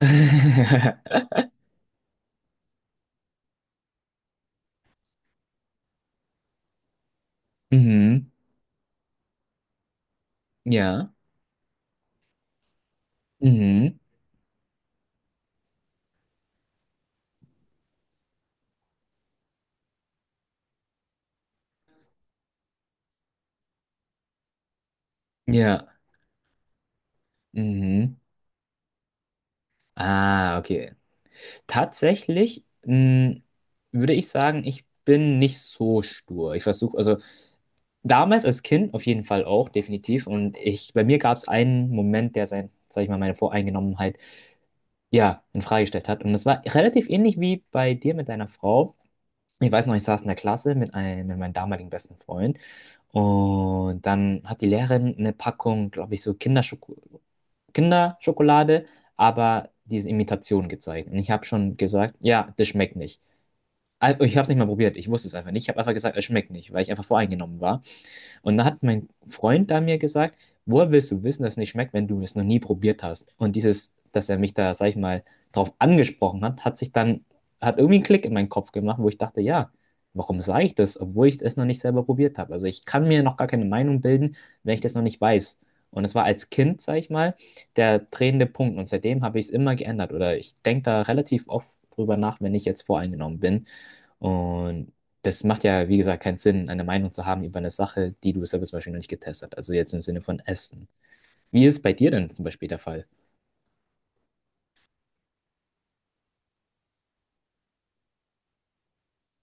Mhm. Ja. Mhm. Ja. Mhm. Ah, okay. Tatsächlich, würde ich sagen, ich bin nicht so stur. Ich versuche, also damals als Kind auf jeden Fall auch, definitiv. Und ich, bei mir gab es einen Moment, sag ich mal, meine Voreingenommenheit, ja, in Frage gestellt hat. Und das war relativ ähnlich wie bei dir mit deiner Frau. Ich weiß noch, ich saß in der Klasse mit meinem damaligen besten Freund. Und dann hat die Lehrerin eine Packung, glaube ich, so Kinderschokolade, aber diese Imitation gezeigt. Und ich habe schon gesagt, ja, das schmeckt nicht. Ich habe es nicht mal probiert, ich wusste es einfach nicht. Ich habe einfach gesagt, es schmeckt nicht, weil ich einfach voreingenommen war. Und da hat mein Freund da mir gesagt, woher willst du wissen, dass es nicht schmeckt, wenn du es noch nie probiert hast? Und dieses, dass er mich da, sag ich mal, drauf angesprochen hat, hat sich dann, hat irgendwie einen Klick in meinen Kopf gemacht, wo ich dachte, ja, warum sage ich das, obwohl ich es noch nicht selber probiert habe? Also ich kann mir noch gar keine Meinung bilden, wenn ich das noch nicht weiß. Und das war als Kind, sag ich mal, der drehende Punkt. Und seitdem habe ich es immer geändert. Oder ich denke da relativ oft drüber nach, wenn ich jetzt voreingenommen bin und das macht ja, wie gesagt, keinen Sinn, eine Meinung zu haben über eine Sache, die du selber zum Beispiel noch nicht getestet hast. Also jetzt im Sinne von Essen. Wie ist es bei dir denn zum Beispiel der Fall?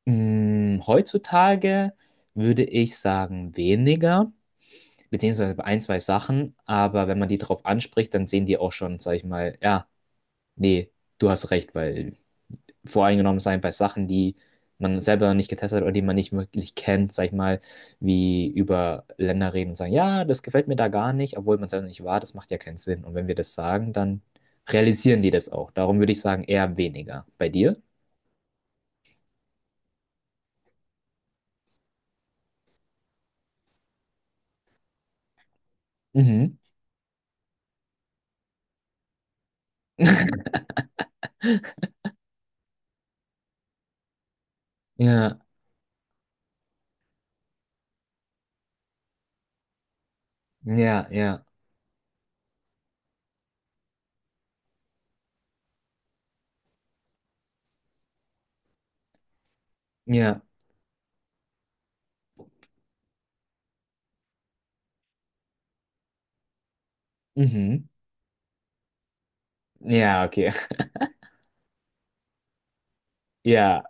Heutzutage würde ich sagen weniger, beziehungsweise bei ein, zwei Sachen. Aber wenn man die drauf anspricht, dann sehen die auch schon, sag ich mal, ja, nee, du hast recht, weil voreingenommen sein bei Sachen, die man selber noch nicht getestet hat oder die man nicht wirklich kennt, sag ich mal, wie über Länder reden und sagen, ja, das gefällt mir da gar nicht, obwohl man selber nicht war, das macht ja keinen Sinn. Und wenn wir das sagen, dann realisieren die das auch. Darum würde ich sagen, eher weniger. Bei dir? Mhm. Ja, ja, ja, ja, mhm. Ja, okay. Ja,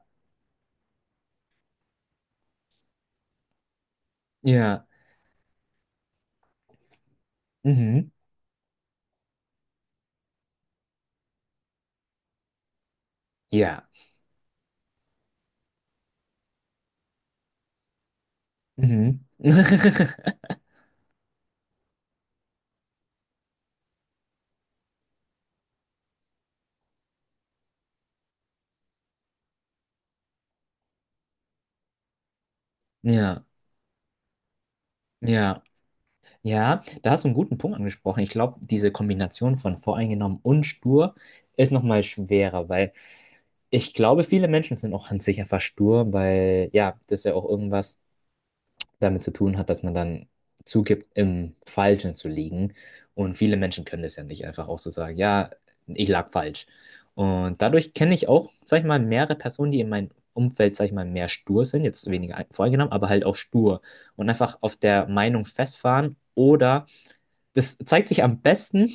ja, mhm. Ja, mhm. Ja, ja. Ja, da hast du einen guten Punkt angesprochen. Ich glaube, diese Kombination von voreingenommen und stur ist nochmal schwerer, weil ich glaube, viele Menschen sind auch an sich einfach stur, weil ja, das ja auch irgendwas damit zu tun hat, dass man dann zugibt, im Falschen zu liegen. Und viele Menschen können das ja nicht einfach auch so sagen, ja, ich lag falsch. Und dadurch kenne ich auch, sag ich mal, mehrere Personen, die in meinem Umfeld, sag ich mal, mehr stur sind, jetzt weniger voreingenommen, aber halt auch stur und einfach auf der Meinung festfahren oder das zeigt sich am besten,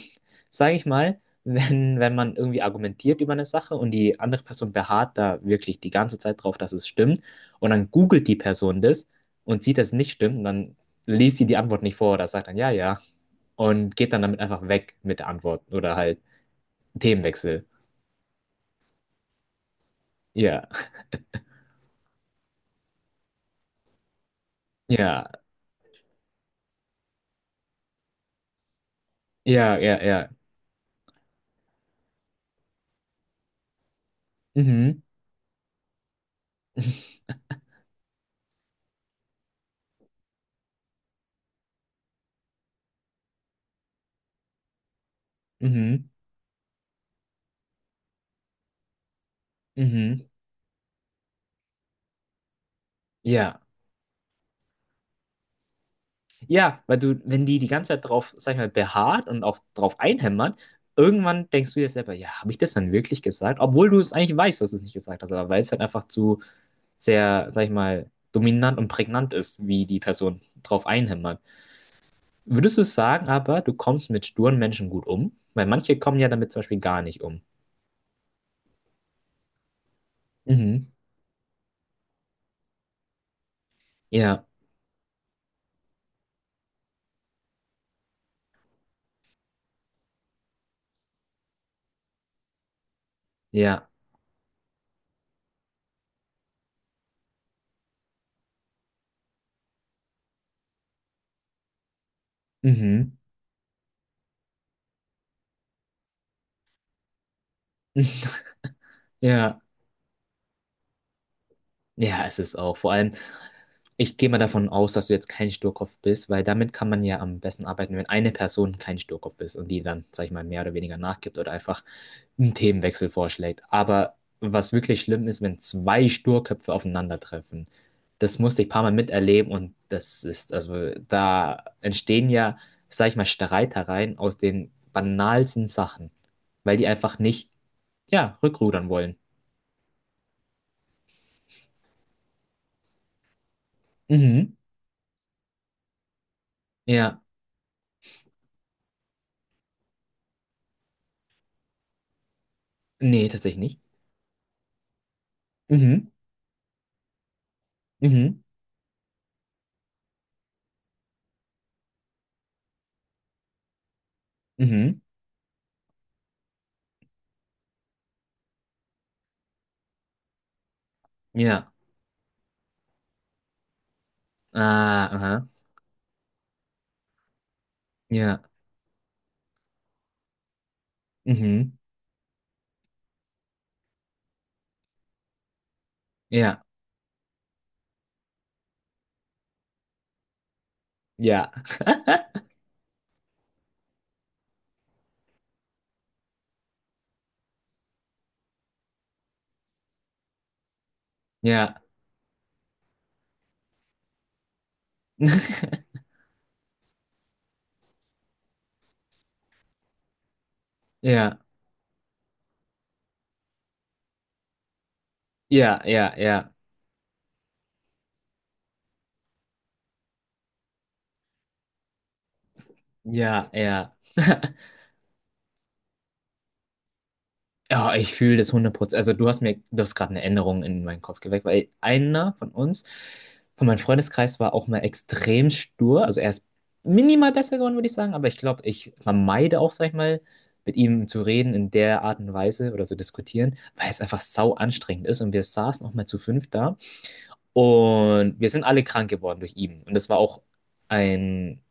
sage ich mal, wenn man irgendwie argumentiert über eine Sache und die andere Person beharrt da wirklich die ganze Zeit drauf, dass es stimmt. Und dann googelt die Person das und sieht, dass es nicht stimmt. Und dann liest sie die Antwort nicht vor oder sagt dann ja, ja. Und geht dann damit einfach weg mit der Antwort oder halt Themenwechsel. Ja, ja, ja, ja, ja. Mhm, mhm, mhm. Ja. Ja, weil du, wenn die die ganze Zeit drauf, sag ich mal, beharrt und auch drauf einhämmert, irgendwann denkst du dir selber, ja, habe ich das dann wirklich gesagt? Obwohl du es eigentlich weißt, dass du es nicht gesagt hast, aber weil es halt einfach zu sehr, sag ich mal, dominant und prägnant ist, wie die Person drauf einhämmert. Würdest du sagen, aber du kommst mit sturen Menschen gut um? Weil manche kommen ja damit zum Beispiel gar nicht um. Mhm. Ja, ja, mhm. Ja. Ja, es ist auch. Vor allem, ich gehe mal davon aus, dass du jetzt kein Sturkopf bist, weil damit kann man ja am besten arbeiten, wenn eine Person kein Sturkopf ist und die dann, sag ich mal, mehr oder weniger nachgibt oder einfach einen Themenwechsel vorschlägt. Aber was wirklich schlimm ist, wenn zwei Sturköpfe aufeinandertreffen. Das musste ich ein paar Mal miterleben und das ist, also da entstehen ja, sag ich mal, Streitereien aus den banalsten Sachen, weil die einfach nicht, ja, rückrudern wollen. Mhm. Ja, nee, tatsächlich nicht. Mhm. Mhm. Mhm. Ja. Ah, aha. Ja. Mhm. Ja. Ja. Ja. Ja. Ja. Ja. Ja. Ja. Ja. Ja. Ja, ich fühle das 100%. Also du hast gerade eine Änderung in meinen Kopf geweckt, weil einer von uns, von meinem Freundeskreis, war auch mal extrem stur. Also er ist minimal besser geworden, würde ich sagen, aber ich glaube, ich vermeide auch, sag ich mal, mit ihm zu reden in der Art und Weise oder zu diskutieren, weil es einfach sau anstrengend ist. Und wir saßen auch mal zu fünft da und wir sind alle krank geworden durch ihn. Und das war auch ein,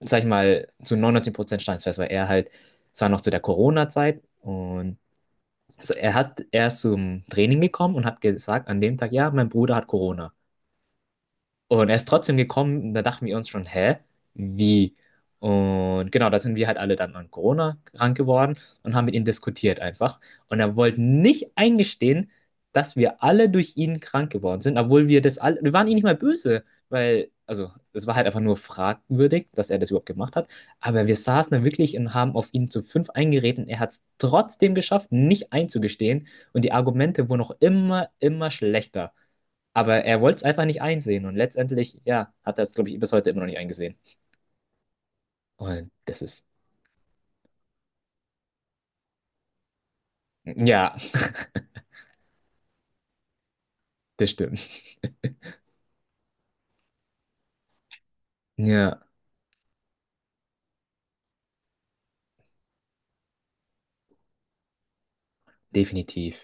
sag ich mal, zu 99% Steinsfest, weil er halt, es war noch zu der Corona-Zeit und also er hat, er ist zum Training gekommen und hat gesagt, an dem Tag, ja, mein Bruder hat Corona. Und er ist trotzdem gekommen, und da dachten wir uns schon, hä, wie? Und genau, da sind wir halt alle dann an Corona krank geworden und haben mit ihm diskutiert einfach. Und er wollte nicht eingestehen, dass wir alle durch ihn krank geworden sind, obwohl wir das alle, wir waren ihm nicht mal böse, weil, also, es war halt einfach nur fragwürdig, dass er das überhaupt gemacht hat. Aber wir saßen da wirklich und haben auf ihn zu fünf eingeredet und er hat es trotzdem geschafft, nicht einzugestehen. Und die Argumente wurden auch immer, immer schlechter. Aber er wollte es einfach nicht einsehen. Und letztendlich, ja, hat er es, glaube ich, bis heute immer noch nicht eingesehen. Und das ist, ja, das stimmt. Ja, definitiv.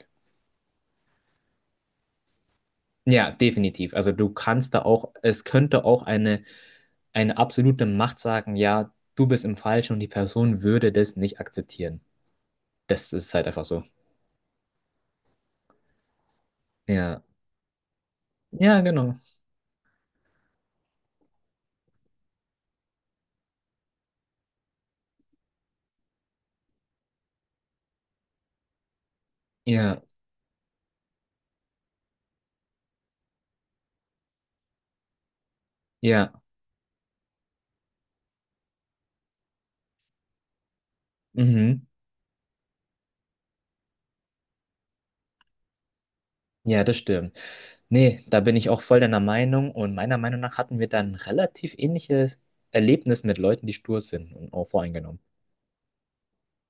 Ja, definitiv. Also du kannst da auch, es könnte auch eine absolute Macht sagen, ja, du bist im Falschen und die Person würde das nicht akzeptieren. Das ist halt einfach so. Ja. Ja, genau. Ja, ja. Mhm. Ja, das stimmt. Nee, da bin ich auch voll deiner Meinung und meiner Meinung nach hatten wir dann ein relativ ähnliches Erlebnis mit Leuten, die stur sind und auch voreingenommen.